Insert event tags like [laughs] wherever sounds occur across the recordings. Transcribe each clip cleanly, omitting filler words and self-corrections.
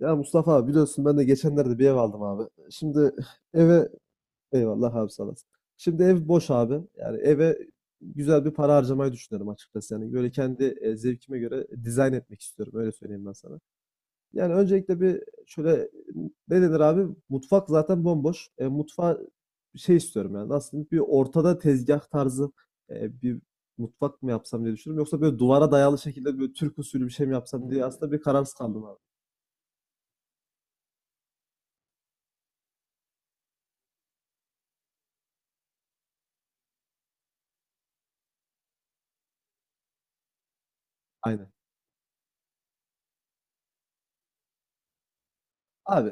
Ya Mustafa abi, biliyorsun, ben de geçenlerde bir ev aldım abi. Şimdi eve Eyvallah abi, sağ olasın. Şimdi ev boş abi. Yani eve güzel bir para harcamayı düşünüyorum açıkçası. Yani böyle kendi zevkime göre dizayn etmek istiyorum. Öyle söyleyeyim ben sana. Yani öncelikle bir şöyle ne denir abi? Mutfak zaten bomboş. Mutfağa bir şey istiyorum yani. Nasıl diyeyim? Bir ortada tezgah tarzı bir mutfak mı yapsam diye düşünüyorum. Yoksa böyle duvara dayalı şekilde böyle Türk usulü bir şey mi yapsam diye aslında bir kararsız kaldım abi. Aynen. Abi,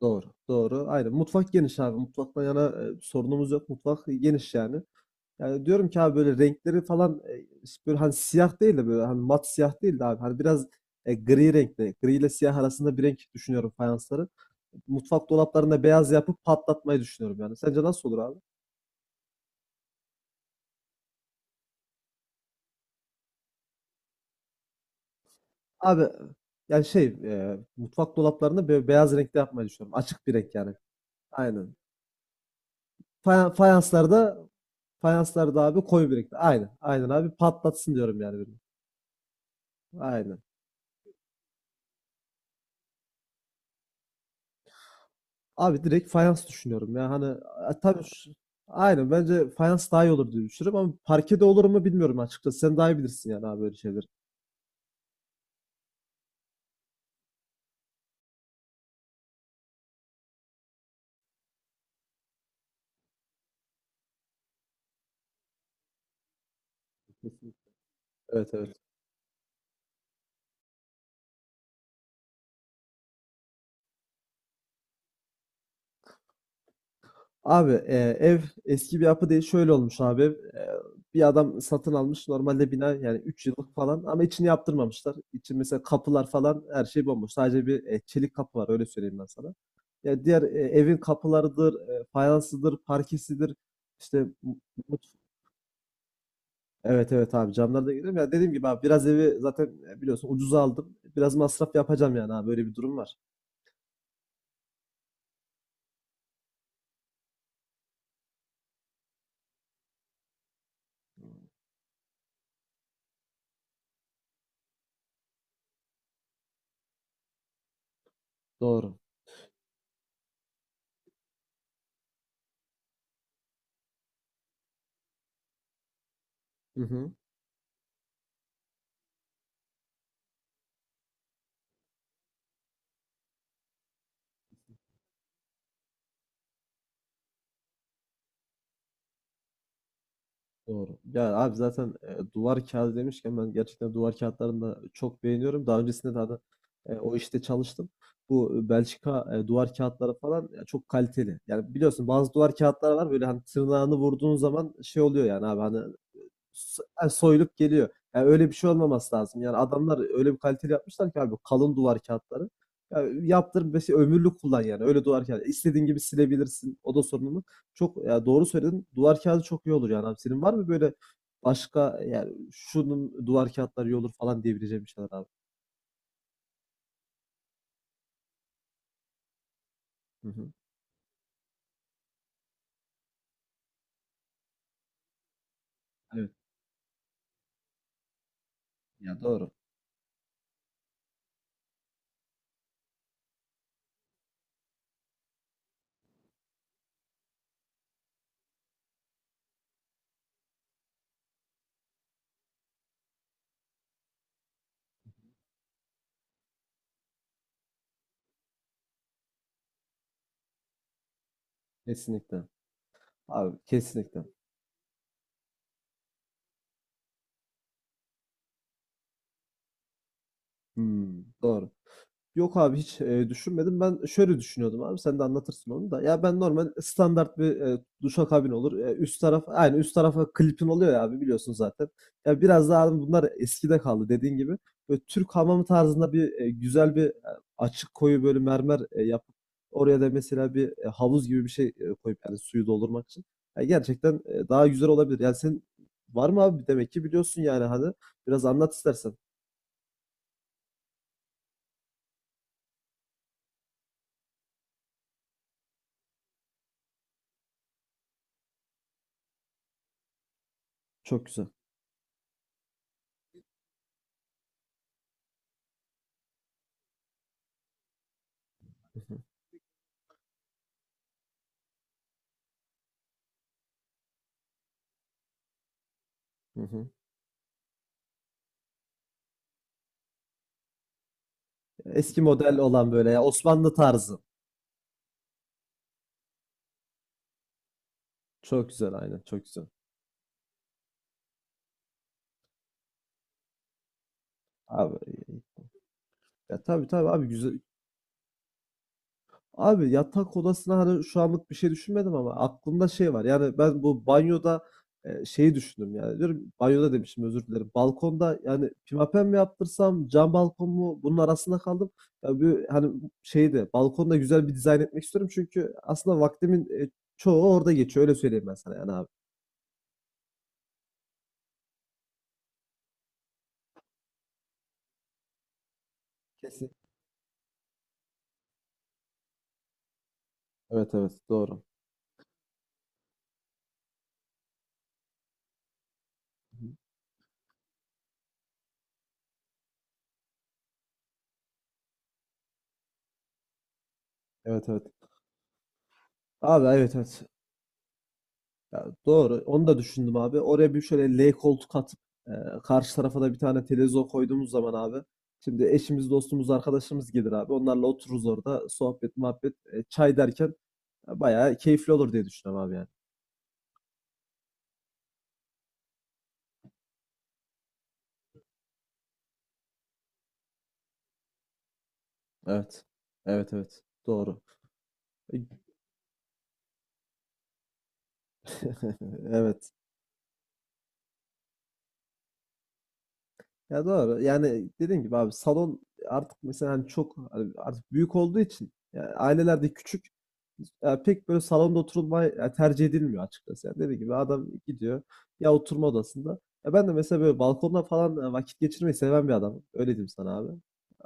doğru, doğru. Aynen. Mutfak geniş abi. Mutfaktan yana sorunumuz yok. Mutfak geniş yani. Yani diyorum ki abi, böyle renkleri falan işte böyle, hani siyah değil de, böyle hani mat siyah değil de abi. Hani biraz gri renkte. Gri ile siyah arasında bir renk düşünüyorum fayansları. Mutfak dolaplarında beyaz yapıp patlatmayı düşünüyorum yani. Sence nasıl olur abi? Abi, yani şey, mutfak dolaplarını beyaz renkte yapmayı düşünüyorum. Açık bir renk yani. Aynen. Faya- fayanslarda fayanslarda abi, koyu bir renkte. Aynen. Aynen abi, patlatsın diyorum yani. Aynen. Abi, direkt fayans düşünüyorum ya. Hani tabii, aynen, bence fayans daha iyi olur diye düşünüyorum, ama parkede olur mu bilmiyorum açıkçası. Sen daha iyi bilirsin yani abi, böyle şeyleri. Kesinlikle. Evet, evet. Abi, ev eski bir yapı değil, şöyle olmuş abi. Bir adam satın almış normalde, bina yani 3 yıllık falan, ama içini yaptırmamışlar. İçi mesela kapılar falan, her şey bomboş. Sadece bir çelik kapı var, öyle söyleyeyim ben sana. Ya diğer evin kapılarıdır, fayansıdır, parkesidir. İşte mutfağıdır. Evet, evet abi, camları da görüyorum. Ya dediğim gibi abi, biraz evi zaten biliyorsun ucuza aldım. Biraz masraf yapacağım yani abi, böyle bir durum var. Doğru. Hı hı. Doğru. Ya abi, zaten duvar kağıdı demişken, ben gerçekten duvar kağıtlarını da çok beğeniyorum. Daha öncesinde de hani, o işte çalıştım. Bu Belçika duvar kağıtları falan ya, çok kaliteli. Yani biliyorsun, bazı duvar kağıtları var böyle, hani tırnağını vurduğun zaman şey oluyor yani abi, hani S soyulup geliyor. Yani öyle bir şey olmaması lazım. Yani adamlar öyle bir kaliteli yapmışlar ki abi, kalın duvar kağıtları. Ya, yaptır mesela, ömürlük kullan yani. Öyle duvar kağıdı İstediğin gibi silebilirsin. O da sorun mu? Çok, ya doğru söyledin. Duvar kağıdı çok iyi olur yani abi. Senin var mı böyle başka, yani şunun duvar kağıtları iyi olur falan diyebileceğim bir şeyler abi? Hı hı. Evet. Ya doğru. Kesinlikle. Abi, kesinlikle. Hımm. Doğru. Yok abi, hiç, düşünmedim. Ben şöyle düşünüyordum abi, sen de anlatırsın onu da. Ya ben, normal standart bir, duşakabin olur. Üst taraf, aynı üst tarafa klipin oluyor ya abi, biliyorsun zaten. Ya biraz daha abi, bunlar eskide kaldı, dediğin gibi. Böyle Türk hamamı tarzında bir, güzel bir, açık koyu böyle mermer, yapıp oraya da mesela bir, havuz gibi bir şey, koyup yani suyu doldurmak için. Ya gerçekten, daha güzel olabilir. Yani senin var mı abi? Demek ki biliyorsun yani, hadi biraz anlat istersen. Çok güzel. Hı hı. Hı hı. Eski model olan böyle, ya Osmanlı tarzı. Çok güzel, aynen, çok güzel. Abi, ya tabii, tabii abi, güzel. Abi, yatak odasına, hani şu anlık bir şey düşünmedim, ama aklımda şey var. Yani ben bu banyoda şeyi düşündüm yani. Diyorum banyoda, demişim, özür dilerim. Balkonda yani, pimapen mi yaptırsam, cam balkon mu, bunun arasında kaldım. Ya bir, hani şeyde, balkonda güzel bir dizayn etmek istiyorum, çünkü aslında vaktimin çoğu orada geçiyor, öyle söyleyeyim ben sana yani abi. Kesin. Evet, evet, doğru. Hı hı. Evet, evet. Abi, evet, evet. Ya doğru. Onu da düşündüm abi. Oraya bir şöyle L koltuk atıp, e, karşı tarafa da bir tane televizyon koyduğumuz zaman abi. Şimdi eşimiz, dostumuz, arkadaşımız gelir abi. Onlarla otururuz orada, sohbet, muhabbet, çay derken bayağı keyifli olur diye düşünüyorum abi yani. Evet. Evet, evet. Doğru. [laughs] Evet. Ya doğru. Yani dediğim gibi abi, salon artık mesela, hani çok, hani artık büyük olduğu için, yani ailelerde küçük, ya pek böyle salonda oturulmayı ya tercih edilmiyor açıkçası. Yani dediğim gibi, adam gidiyor ya oturma odasında. Ya ben de mesela böyle balkonda falan vakit geçirmeyi seven bir adamım. Öyle diyeyim sana abi.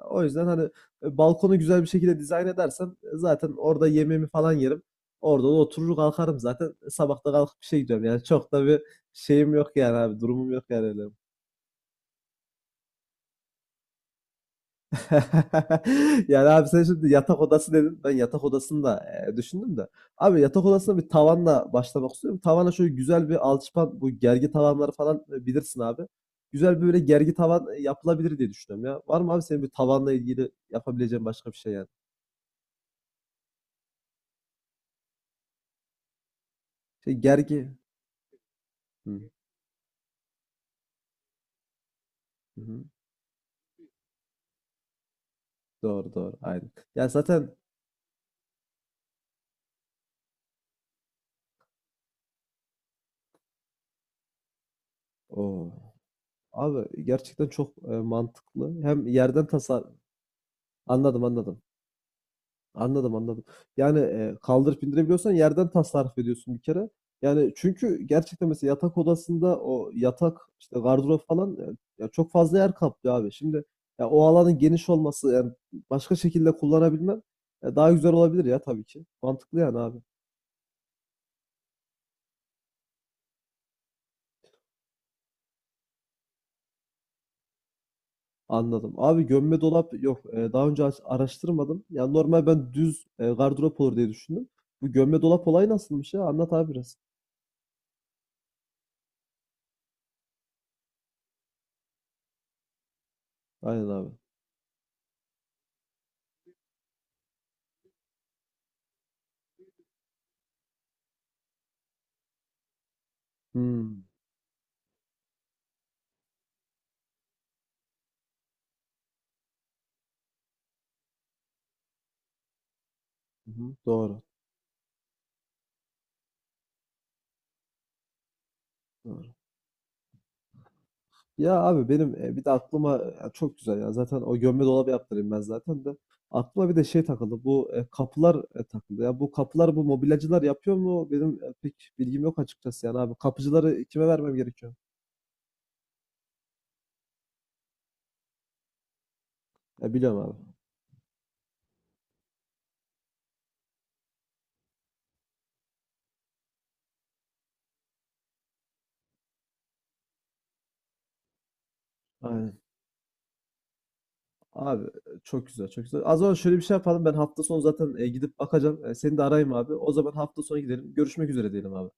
O yüzden hani balkonu güzel bir şekilde dizayn edersem, zaten orada yemeğimi falan yerim. Orada da oturur kalkarım zaten. Sabah da kalkıp bir şey gidiyorum. Yani çok da bir şeyim yok yani abi. Durumum yok yani öyle. [laughs] Yani abi, sen şimdi yatak odası dedin. Ben yatak odasını da, düşündüm de. Abi, yatak odasına bir tavanla başlamak istiyorum. Tavana şöyle güzel bir alçıpan, bu gergi tavanları falan, bilirsin abi. Güzel bir böyle gergi tavan yapılabilir diye düşünüyorum ya. Var mı abi senin bir tavanla ilgili yapabileceğin başka bir şey yani? Şey, gergi. Hı, hı hı. Doğru, doğru, aynen. Ya zaten o abi, gerçekten çok mantıklı. Hem yerden anladım, anladım. Anladım, anladım. Yani, kaldırıp indirebiliyorsan yerden tasarruf ediyorsun bir kere. Yani çünkü gerçekten, mesela yatak odasında o yatak, işte, gardırop falan, ya, çok fazla yer kaplıyor abi. Şimdi, ya, o alanın geniş olması, yani, başka şekilde kullanabilmen, daha güzel olabilir ya tabii ki. Mantıklı yani abi. Anladım. Abi, gömme dolap yok. Daha önce araştırmadım. Ya, normal ben düz, gardırop olur diye düşündüm. Bu gömme dolap olayı nasılmış ya? Anlat abi biraz. Aynen abi. Hımm. Hı hı. Doğru. Ya abi, benim bir de aklıma ya çok güzel ya. Zaten o gömme dolabı yaptırayım ben zaten de. Aklıma bir de şey takıldı. Bu kapılar takıldı. Ya, bu kapılar, bu mobilyacılar yapıyor mu? Benim pek bilgim yok açıkçası yani abi. Kapıcıları kime vermem gerekiyor? Ya biliyorum abi. Aynen. Abi, çok güzel, çok güzel. Az önce şöyle bir şey yapalım. Ben hafta sonu zaten gidip bakacağım. Seni de arayayım abi. O zaman hafta sonu gidelim. Görüşmek üzere diyelim abi.